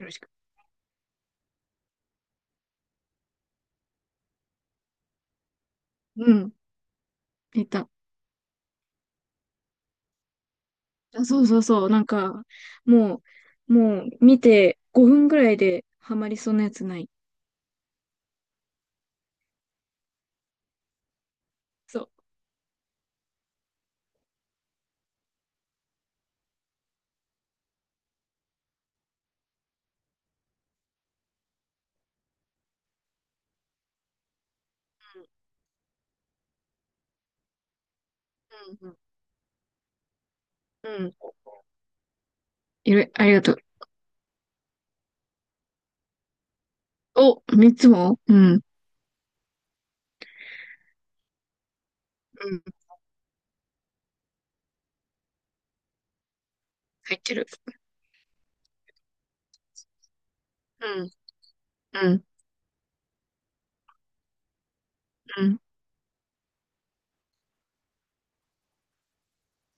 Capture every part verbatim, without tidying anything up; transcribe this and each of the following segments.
よろしく。うん、見た。あ、そうそうそう。なんか、もう、もう見てごふんぐらいでハマりそうなやつない。そう。うん、うん、うん。うん、いろいありがとう。お、みっつも。うん、うん。入ってる。うん、うん、うん。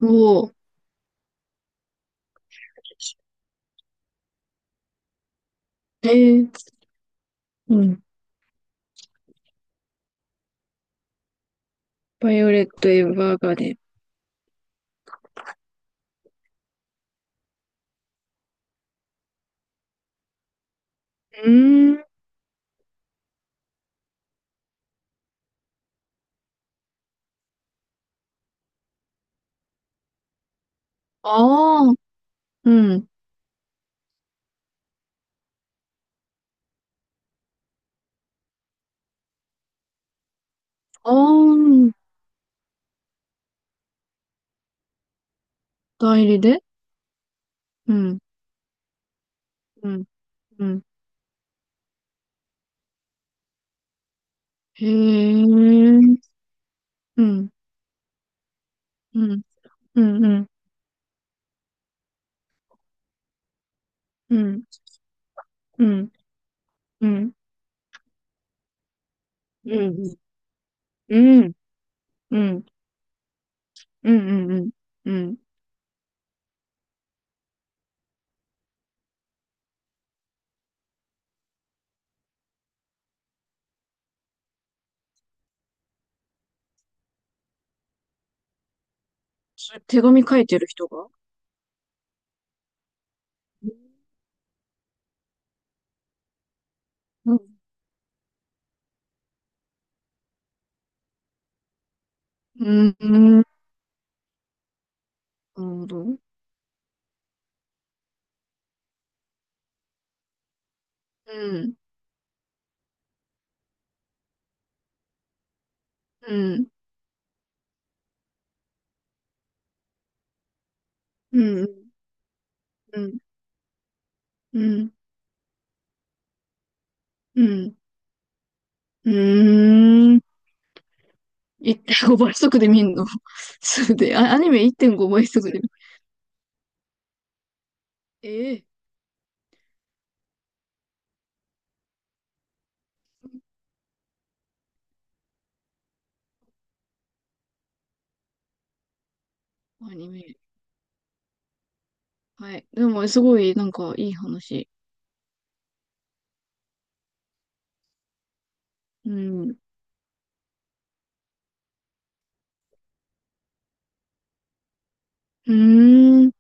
おー。えー、うん。バイオレット・エヴァーガーデン。うーん。ああ、うん。ああ、代理で。うん、うん、うん。へえ、うん、うん、うん、うん、うん。うん、うん、うん、うん、うん。うん、うん、うん、うん。それ手紙書いてる人が？うん、うん、うん、なるほど。うん、うん、うん、うん、うん、うん、うん。いってんごばい速で見んの？ そうで、あ、アニメいってんごばい速で見る。ええ、アニメ。はい。でも、すごい、なんか、いい話。うん。うーん。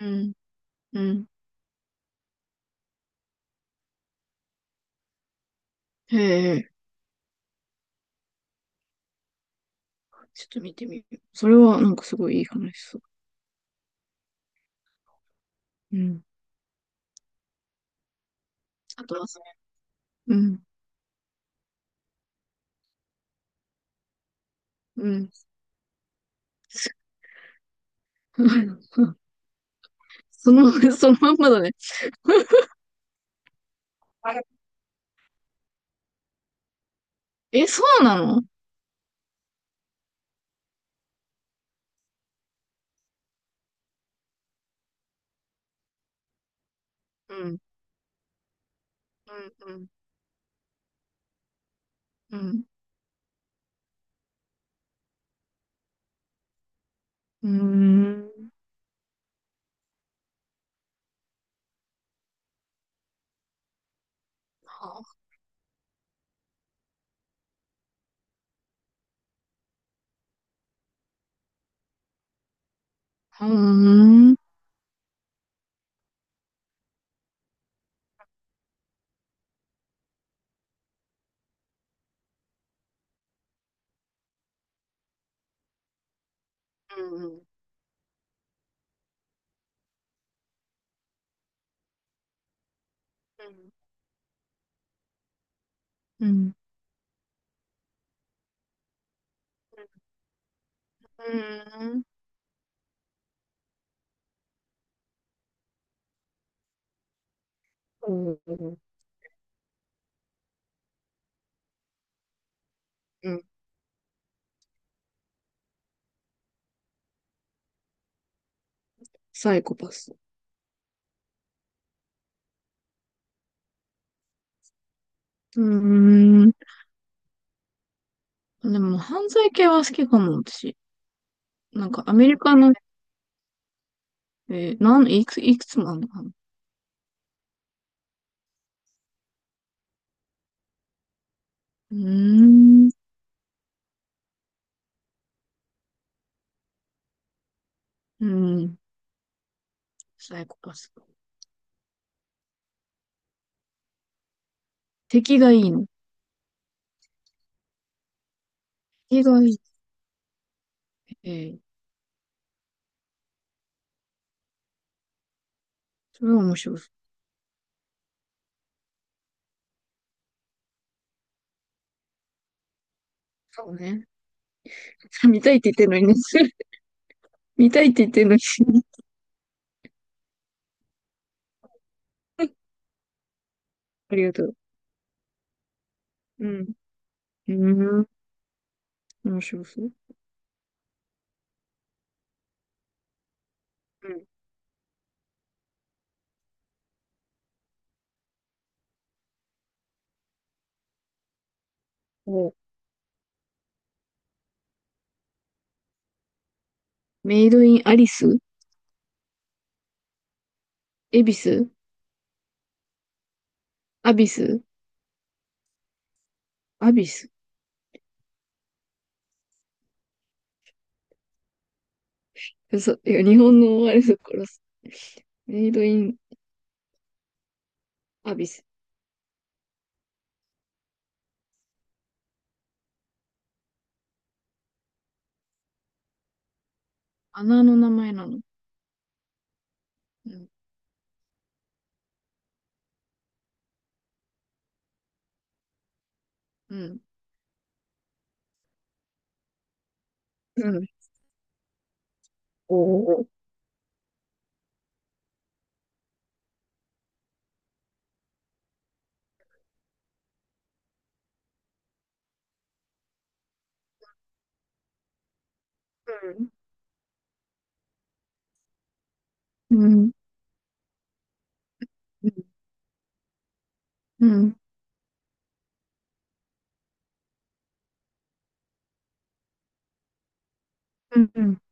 うん。うん。へえ。ちょっと見てみる。それはなんかすごいいい話そう。うん。あとは、うん、うん。その、そのまんまだね。え、そうなの？うん、うん、うん、うん。うーん。はあ、うーん。うん、うん、うん。うん、うん、うん、サイコパス。うーん。でも、犯罪系は好きかも、私。なんか、アメリカの、えー、なん、いくつ、いくつもあるのかな？うーん。うん。サイコパス。敵がいいの？敵がいい。えー、それは面白そう。そうね。見たいって言ってんのにね。見たいって言ってんのに。 ありがとう。うん。うーん。面白そう。うん。お、メイドインアリス。エビス。アビス。アビス。嘘。いや、日本のあれだからさ。メイドインアビス。穴の名前なの？うん。うん。うん。おお。うん。うん。うん。うん。うん。うん、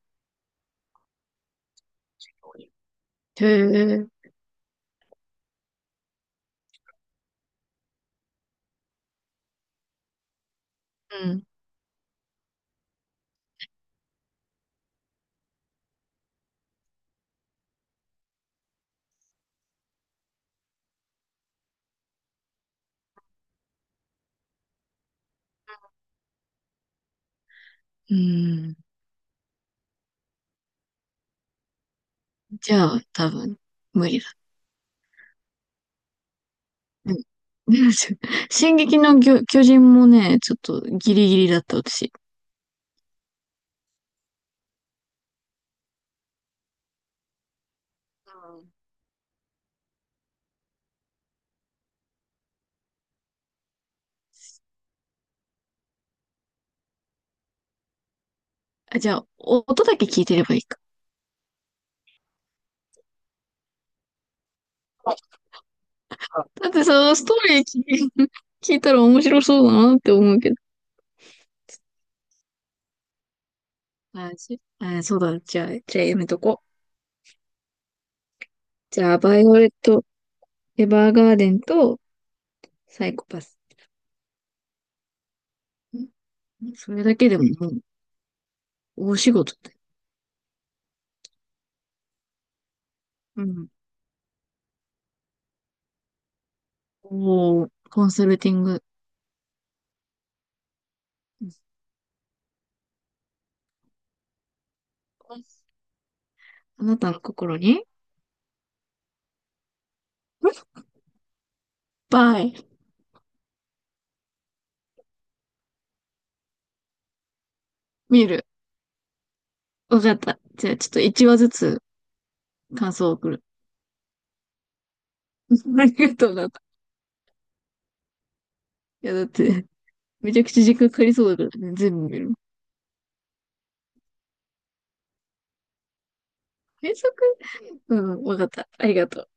へえ。うん。うん。じゃあ、多分、無理だ。うん。でもちょ進撃の巨、巨人もね、ちょっとギリギリだった、私。うん、あ、じゃあ、お音だけ聞いてればいいか。だってさ、ストーリー聞い、聞いたら面白そうだなって思うけど。あ、し、あ、そうだ。じゃあ、じゃあやめとこう。じゃあ、バイオレット、エヴァーガーデンとサイコパス。ん、それだけでももう、大仕事だ。うん。おー、コンサルティング。うん、あなたの心にぱい。見る。わかった。じゃあ、ちょっといちわずつ感想を送る。ありがとうな。いや、だって、めちゃくちゃ時間かかりそうだからね、全部見る。原則、うん、わかった。ありがとう。